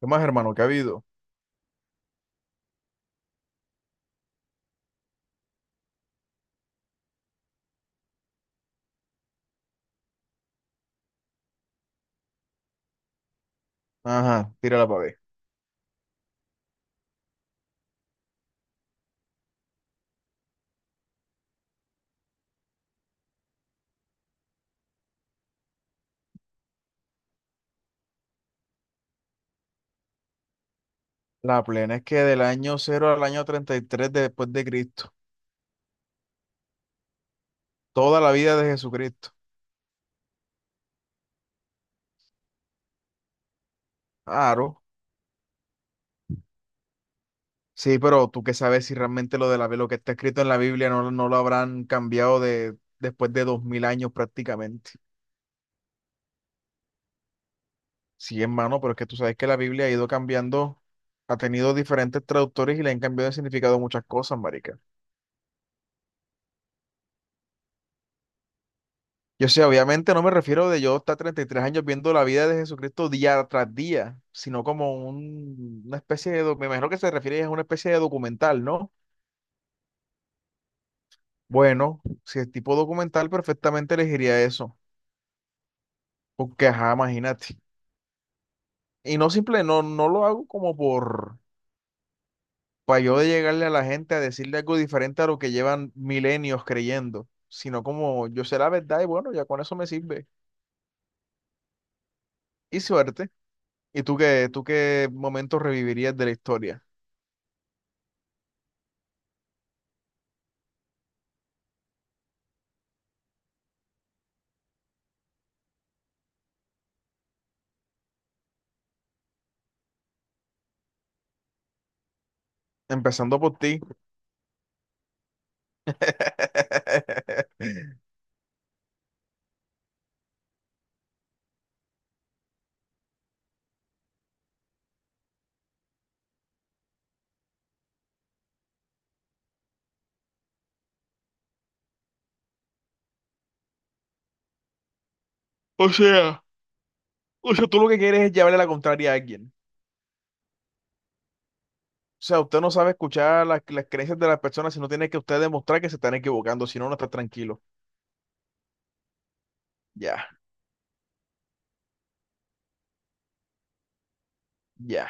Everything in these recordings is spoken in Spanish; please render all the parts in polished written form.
¿Qué más, hermano? ¿Qué ha habido? Ajá, tírala para ver. La plena es que del año cero al año 33 después de Cristo. Toda la vida de Jesucristo. Claro. Sí, pero tú qué sabes si realmente lo que está escrito en la Biblia no, no lo habrán cambiado después de 2000 años prácticamente. Sí, hermano, pero es que tú sabes que la Biblia ha ido cambiando, ha tenido diferentes traductores y le han cambiado el significado de muchas cosas, marica. Yo sé, obviamente no me refiero de yo estar 33 años viendo la vida de Jesucristo día tras día, sino como una especie me imagino que se refiere a una especie de documental, ¿no? Bueno, si es tipo documental, perfectamente elegiría eso, porque ajá, imagínate. Y no simple, no, no lo hago para yo de llegarle a la gente a decirle algo diferente a lo que llevan milenios creyendo, sino como yo sé la verdad y bueno, ya con eso me sirve. Y suerte. ¿Y tú qué momento revivirías de la historia? Empezando por ti. O sea, o sea, tú lo que quieres es llevarle la contraria a alguien. O sea, usted no sabe escuchar las creencias de las personas, sino tiene que usted demostrar que se están equivocando, si no, no está tranquilo. Ya, ya.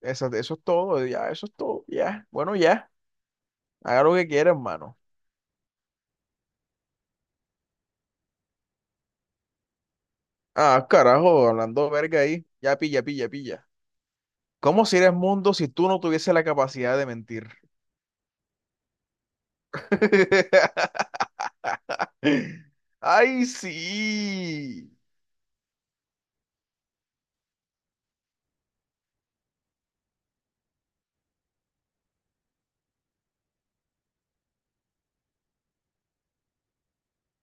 Eso es todo, ya, eso es todo, ya. Bueno, ya. Haga lo que quiera, hermano. Ah, carajo, hablando verga ahí. Ya pilla, pilla, pilla. ¿Cómo sería el mundo si tú no tuvieses la capacidad de mentir? Ay, sí.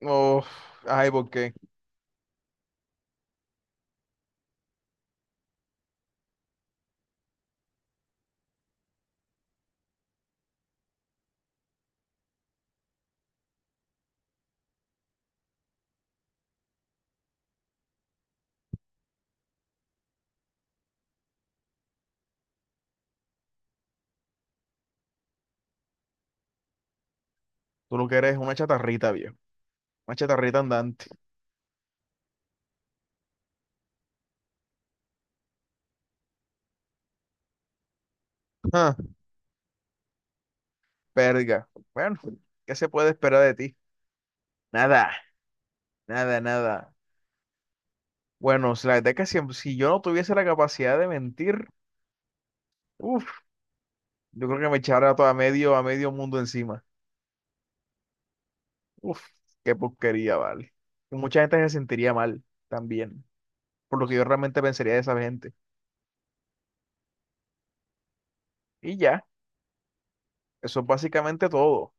Oh, ay, ¿por qué? Tú lo que eres es una chatarrita, viejo. Una chatarrita andante. Ah, verga. Bueno, ¿qué se puede esperar de ti? Nada, nada, nada. Bueno, si la verdad es que si yo no tuviese la capacidad de mentir, uff, yo creo que me echara todo a medio mundo encima. Uff, qué porquería, vale. Y mucha gente se sentiría mal también, por lo que yo realmente pensaría de esa gente. Y ya, eso es básicamente todo.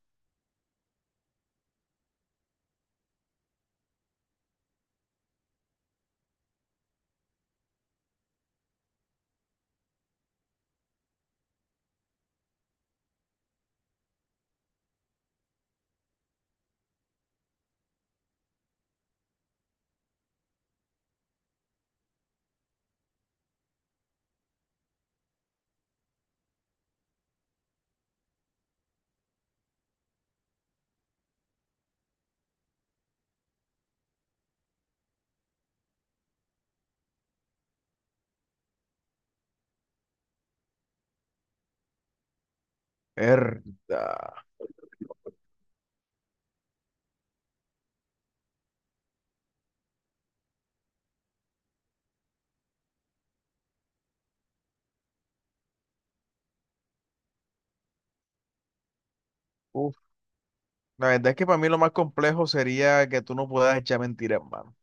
Verdad. Uf, la verdad es que para mí lo más complejo sería que tú no puedas echar mentiras, mano.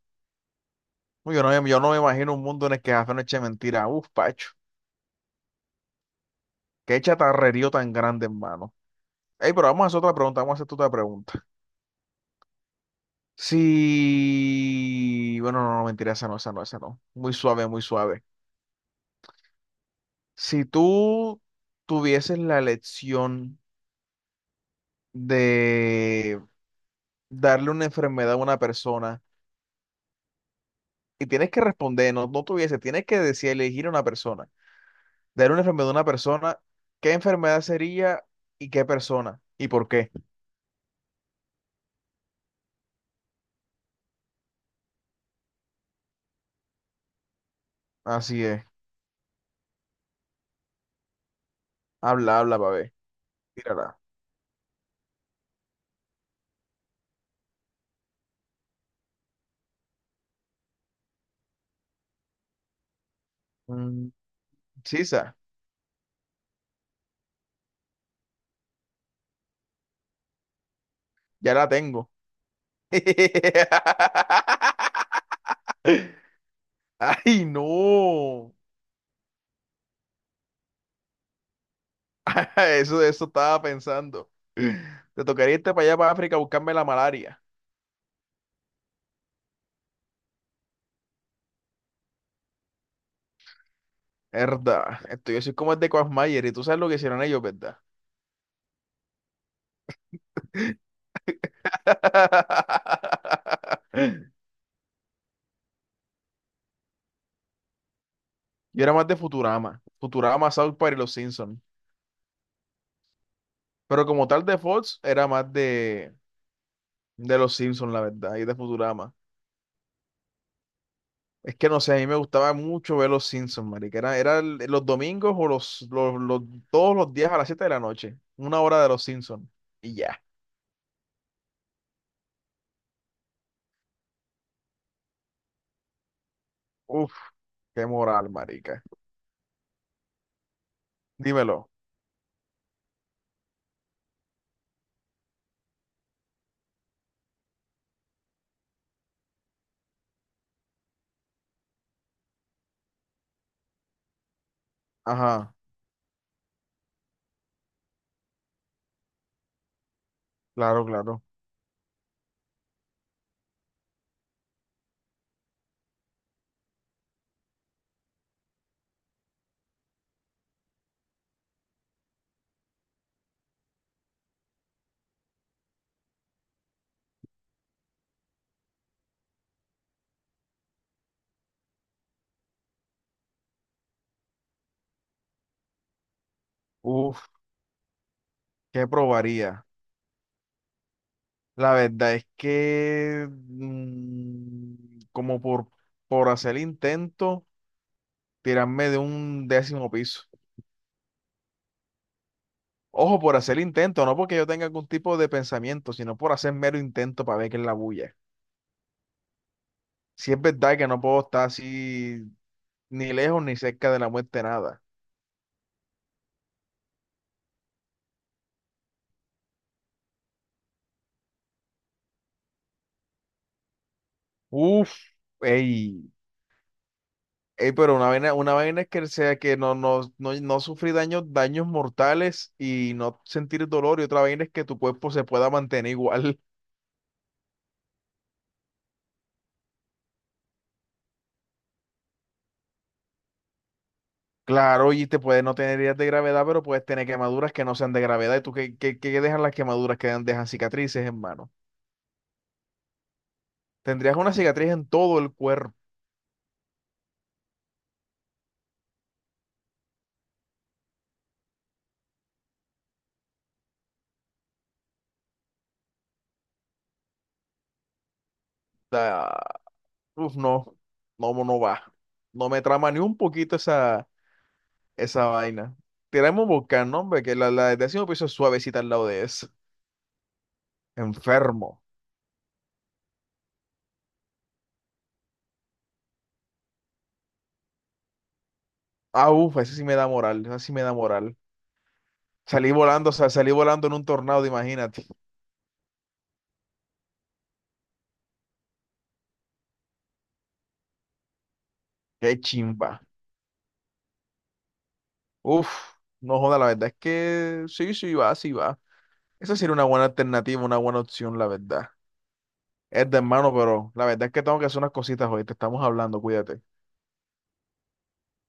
Uy, yo no, yo no me imagino un mundo en el que Jafé no eche mentira. Uf, Pacho, qué chatarrerío tan grande, hermano. Ey, pero vamos a hacer otra pregunta, vamos a hacer tu otra pregunta. Si, bueno, no, no, mentira, esa no, esa no, esa no. Muy suave, muy suave. Si tú tuvieses la elección de darle una enfermedad a una persona y tienes que responder, no, no tuviese, tienes que decir, elegir a una persona, darle una enfermedad a una persona, ¿qué enfermedad sería y qué persona y por qué? Así es. Habla, habla, pa' ver. Tírala. Mm, sisa, ya la tengo. ¡Ay, no! Eso estaba pensando. Te tocaría irte para allá, para África, a buscarme la malaria. Verdad. Esto yo soy como el de Quagmire y tú sabes lo que hicieron ellos, ¿verdad? Yo era más de Futurama. Futurama, South Park y Los Simpsons. Pero como tal de Fox, era más de Los Simpsons, la verdad, y de Futurama. Es que no sé, a mí me gustaba mucho ver los Simpsons, marica. Era los domingos o los- todos los días a las 7 de la noche. Una hora de los Simpsons. Y ya. Uf, qué moral, marica. Dímelo. Ajá, claro, claro. Uf, ¿qué probaría? La verdad es que como por hacer el intento, tirarme de un décimo piso. Ojo, por hacer el intento, no porque yo tenga algún tipo de pensamiento, sino por hacer mero intento para ver qué es la bulla. Si es verdad que no puedo estar así ni lejos ni cerca de la muerte, nada. Uf, ey, ey, pero una vaina es que sea que no, no, no, no sufrí daños, daños mortales y no sentir dolor, y otra vaina es que tu cuerpo se pueda mantener igual. Claro, y te puede no tener heridas de gravedad, pero puedes tener quemaduras que no sean de gravedad. ¿Y tú qué dejan las quemaduras que dejan cicatrices, hermano? Tendrías una cicatriz en todo el cuerpo. Ah, uf, no, no, no va. No me trama ni un poquito esa. Esa vaina. Tiramos Volcán, ¿no? Hombre, que la del décimo piso es suavecita al lado de eso. Enfermo. Ah, uff, esa sí me da moral, esa sí me da moral. Salí volando, o sea, salí volando en un tornado, imagínate. Qué chimba. Uf, no joda, la verdad es que sí, sí va, sí va. Esa sería una buena alternativa, una buena opción, la verdad. Es de hermano, pero la verdad es que tengo que hacer unas cositas hoy, te estamos hablando, cuídate.